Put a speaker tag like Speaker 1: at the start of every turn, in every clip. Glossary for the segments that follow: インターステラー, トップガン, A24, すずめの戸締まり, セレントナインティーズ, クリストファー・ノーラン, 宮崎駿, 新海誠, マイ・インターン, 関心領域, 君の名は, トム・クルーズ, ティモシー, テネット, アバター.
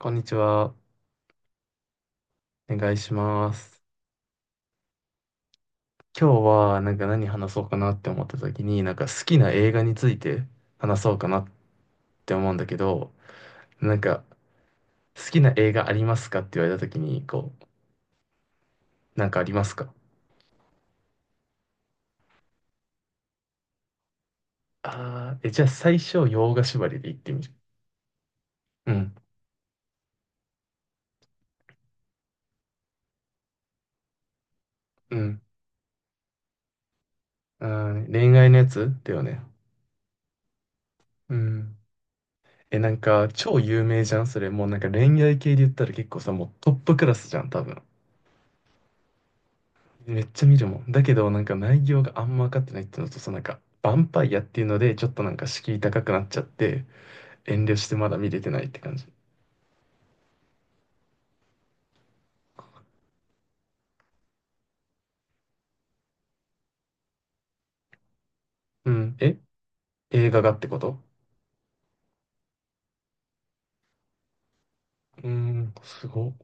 Speaker 1: こんにちは。お願いします。今日は何話そうかなって思った時に、なんか好きな映画について話そうかなって思うんだけど、なんか好きな映画ありますかって言われた時に、なんかありますか。じゃあ最初、洋画縛りで言ってみる。うん、うん、うん、恋愛のやつだよね。うん。え、なんか超有名じゃんそれ。もうなんか恋愛系で言ったら結構さ、もうトップクラスじゃん、多分。めっちゃ見るもん。だけど、なんか内容があんま分かってないっていうのと、そのなんか、ヴァンパイアっていうので、ちょっとなんか敷居高くなっちゃって、遠慮してまだ見れてないって感じ。うん。え、映画がってこと？うん、すごっ。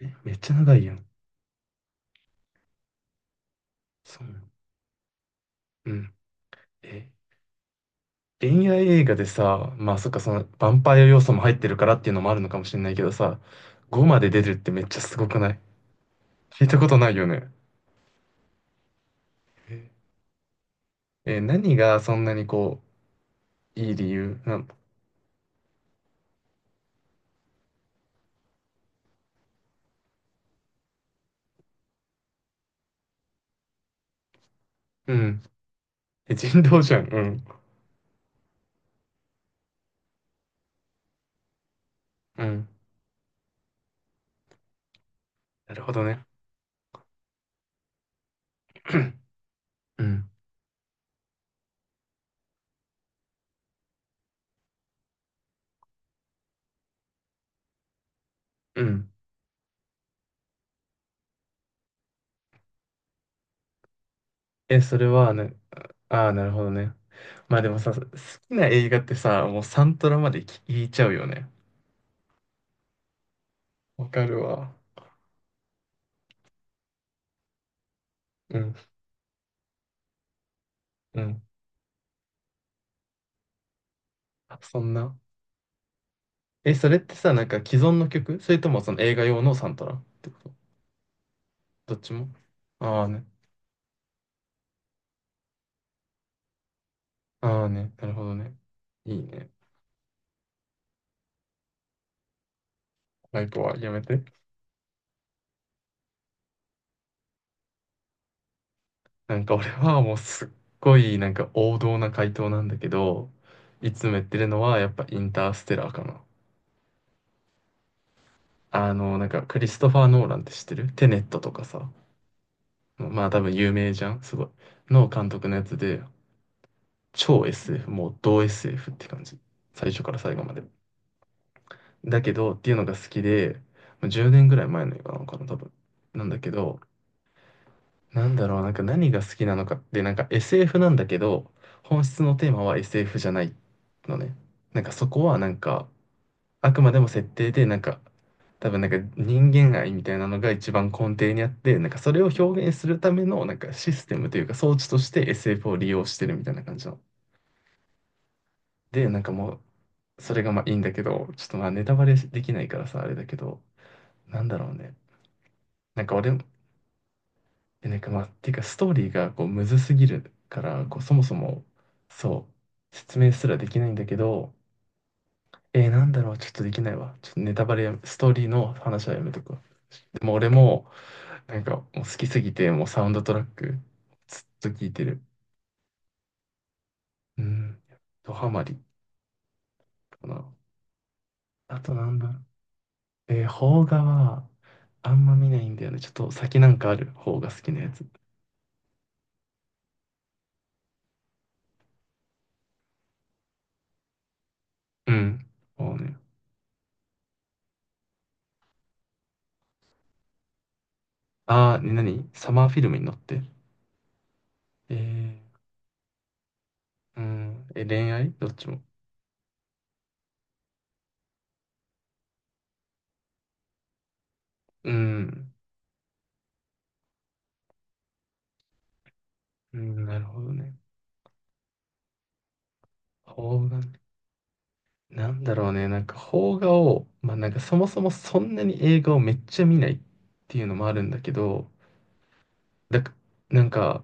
Speaker 1: え、めっちゃ長いやん。そうなの。うん。え、恋愛映画でさ、まあそっか、その、ヴァンパイア要素も入ってるからっていうのもあるのかもしれないけどさ、5まで出るってめっちゃすごくない？聞いたことないよね。え、何がそんなにいい理由なの？うん。え、人道じゃん。うん。うん。なるほどね。うん。うん。え、それはね、ああ、なるほどね。まあでもさ、好きな映画ってさ、もうサントラまで聞いちゃうよね。わかるわ。うん。うん。あ、そんな。え、それってさ、なんか既存の曲それともその映画用のサントラってこと？どっちも？ああね。ああね。なるほどね。いいね。ライコはやめて。なんか俺はもうすっごいなんか王道な回答なんだけど、いつも言ってるのはやっぱインターステラーかな。あの、なんか、クリストファー・ノーランって知ってる？テネットとかさ。まあ多分有名じゃんすごい。の監督のやつで、超 SF、もう同 SF って感じ。最初から最後まで。だけど、っていうのが好きで、まあ10年ぐらい前の映画なのかな、多分。なんだけど、なんだろう、なんか何が好きなのかって、なんか SF なんだけど、本質のテーマは SF じゃないのね。なんかそこはなんか、あくまでも設定で、なんか、多分なんか人間愛みたいなのが一番根底にあって、なんかそれを表現するためのなんかシステムというか装置として SF を利用してるみたいな感じの。で、なんかもう、それがまあいいんだけど、ちょっとまあネタバレできないからさ、あれだけど、なんだろうね。なんか俺、なんかまあ、ていうかストーリーがこうむずすぎるから、こうそもそも、そう、説明すらできないんだけど、なんだろう、ちょっとできないわ。ちょっとネタバレや、ストーリーの話はやめとくわ。もう俺も、なんかもう好きすぎて、もうサウンドトラック、ずっと聴いてる。うん。ドハマりかな。あとなんだろう。邦画は、あんま見ないんだよね。ちょっと先なんかある方が好きなやつ。うん。もうね。ああ、ね、何サマーフィルムに乗って。えー、うん。え、恋愛どっちも？うん。うん、なるほどね。邦画ね。なんだろうね。なんか邦画を、まあなんかそもそもそんなに映画をめっちゃ見ないっていうのもあるんだけど、だか、なんか、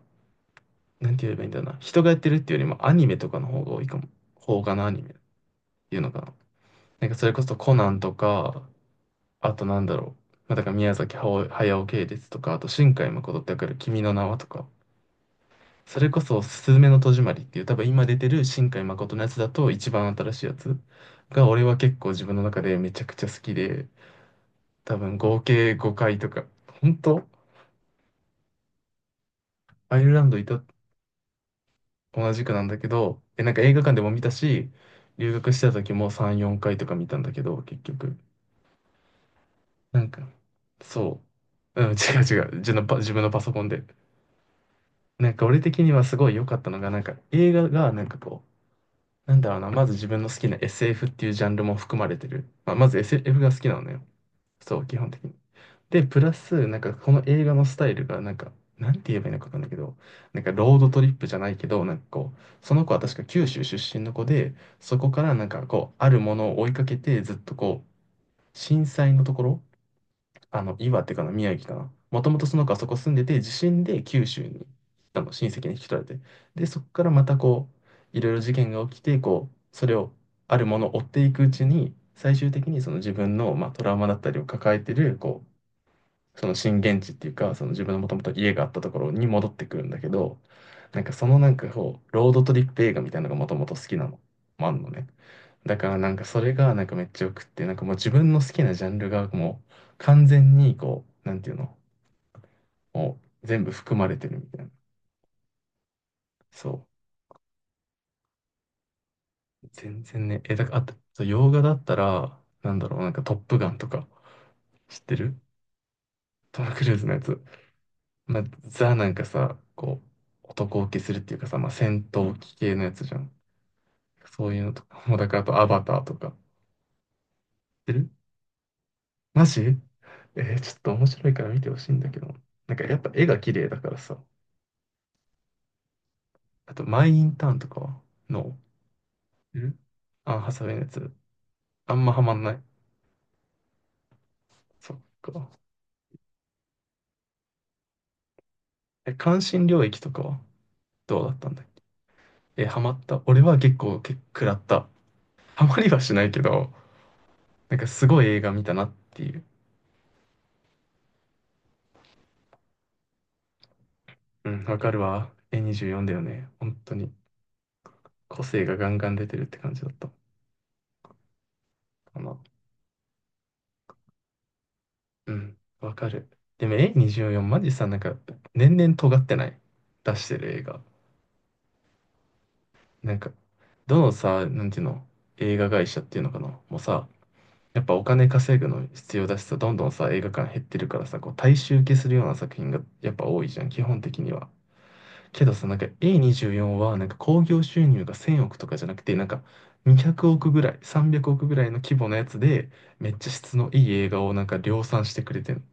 Speaker 1: なんて言えばいいんだろうな。人がやってるっていうよりもアニメとかの方が多いかも。邦画のアニメっていうのかな。なんかそれこそコナンとか、あとなんだろう。まあ、だから宮崎駿系列とか、あと新海誠ってわかる？君の名はとか。それこそ、すずめの戸締まりっていう、多分今出てる新海誠のやつだと一番新しいやつが、俺は結構自分の中でめちゃくちゃ好きで、多分合計5回とか、本当。アイルランドいた？同じくなんだけど、え、なんか映画館でも見たし、留学してた時も3、4回とか見たんだけど、結局。なんか、そう。うん、違う違う。自分のパソコンで。なんか俺的にはすごい良かったのが、なんか映画がなんかなんだろうな、まず自分の好きな SF っていうジャンルも含まれてる。まあ、まず SF が好きなのよ。そう、基本的に。で、プラス、なんかこの映画のスタイルが、なんか、なんて言えばいいのかわかんないけど、なんかロードトリップじゃないけど、なんかこう、その子は確か九州出身の子で、そこからなんかこう、あるものを追いかけて、ずっと震災のところ、あの、岩手かな、宮城かな、もともとその子はそこ住んでて、地震で九州に、あの、親戚に引き取られて、で、そこからまたいろいろ事件が起きて、こう、それを、あるものを追っていくうちに、最終的にその自分の、まあ、トラウマだったりを抱えてる、こう、その震源地っていうか、その自分のもともと家があったところに戻ってくるんだけど、なんかそのこう、ロードトリップ映画みたいなのがもともと好きなのもあんのね。だからなんかそれがなんかめっちゃよくって、なんかもう自分の好きなジャンルがもう完全にこう、なんていうの、もう全部含まれてるみたいな。そう。全然ね、え、だから、あと、そう洋画だったら、なんだろう、なんかトップガンとか、知ってる？トム・クルーズのやつ。まあ、ザなんかさ、こう、男受けするっていうかさ、まあ、戦闘機系のやつじゃん。そういうのとか、もうだからあとアバターとか。知ってる？マジ？ちょっと面白いから見てほしいんだけど。なんかやっぱ絵が綺麗だからさ。あと、マイ・インターンとかはの、知ってる？あン・ハサウェイのやつ。あんまハマんない？そっか。え、関心領域とかはどうだったんだっけ？え、ハマった？俺は結構、結構食らった。ハマりはしないけど、なんかすごい映画見たなっていう。うん、わかるわ。A24 だよね。本当に。個性がガンガン出てるって感じだったかな。うん、わかる。でも A24 マジさ、なんか、年々尖ってない？出してる映画。なんか、どのさ、なんていうの、映画会社っていうのかなもうさ、やっぱお金稼ぐの必要だしさ、どんどんさ、映画館減ってるからさ、こう大衆受けするような作品がやっぱ多いじゃん、基本的には。けどさ、なんか A24 はなんか興行収入が1000億とかじゃなくて、なんか200億ぐらい、300億ぐらいの規模のやつで、めっちゃ質のいい映画をなんか量産してくれてる。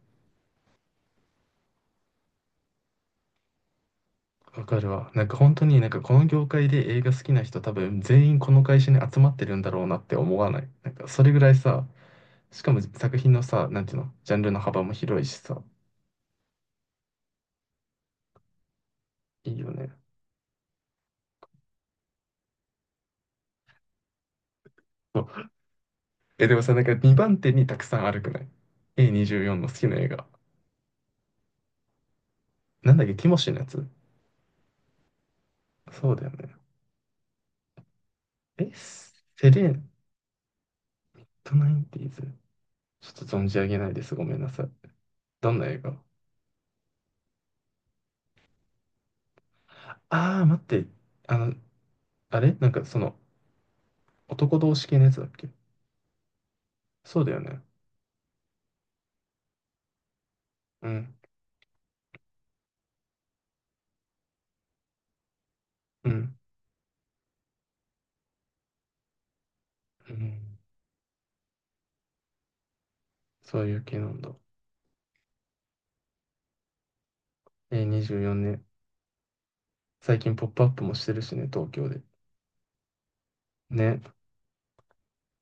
Speaker 1: わかるわ。なんか本当になんかこの業界で映画好きな人多分全員この会社に集まってるんだろうなって思わない？なんかそれぐらいさ、しかも作品のさ、なんていうの、ジャンルの幅も広いしさ、いいよね。そう。え、でもさ、なんか2番手にたくさんあるくない？ A24 の好きな映画。なんだっけ、ティモシーのやつ？そうだよね。え、セレントナインティーズ。ちょっと存じ上げないです。ごめんなさい。どんな映画？ああー、待って。あの、あれなんかその、男同士系のやつだっけ？そうだよね。うん、うん、うん。そういう系なんだ。24年。最近ポップアップもしてるしね、東京で。ね。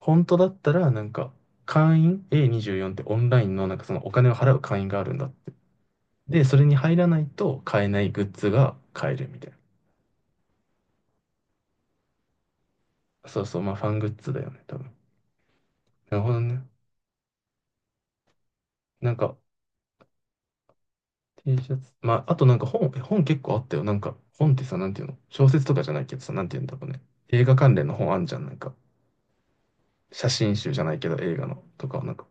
Speaker 1: 本当だったら、なんか、会員 A24 ってオンラインの、なんかそのお金を払う会員があるんだって。で、それに入らないと買えないグッズが買えるみたいな。そうそう、まあファングッズだよね、多分。なるほどね。なんか、T シャツ。まあ、あとなんか本、え本結構あったよ。なんか、本ってさ、なんていうの小説とかじゃないけどさ、なんていうんだろうね。映画関連の本あんじゃん。なんか、写真集じゃないけど映画のとかなんか、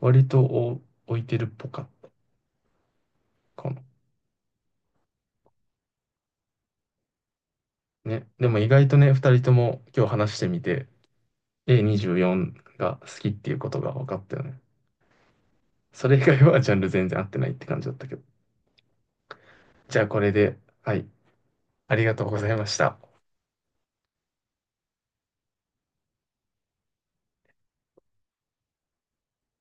Speaker 1: 割とお置いてるっぽかったかもね。でも意外とね、二人とも今日話してみて、A24 が好きっていうことが分かったよね。それ以外はジャンル全然合ってないって感じだったけど。じゃあこれで、はい。ありがとうございました。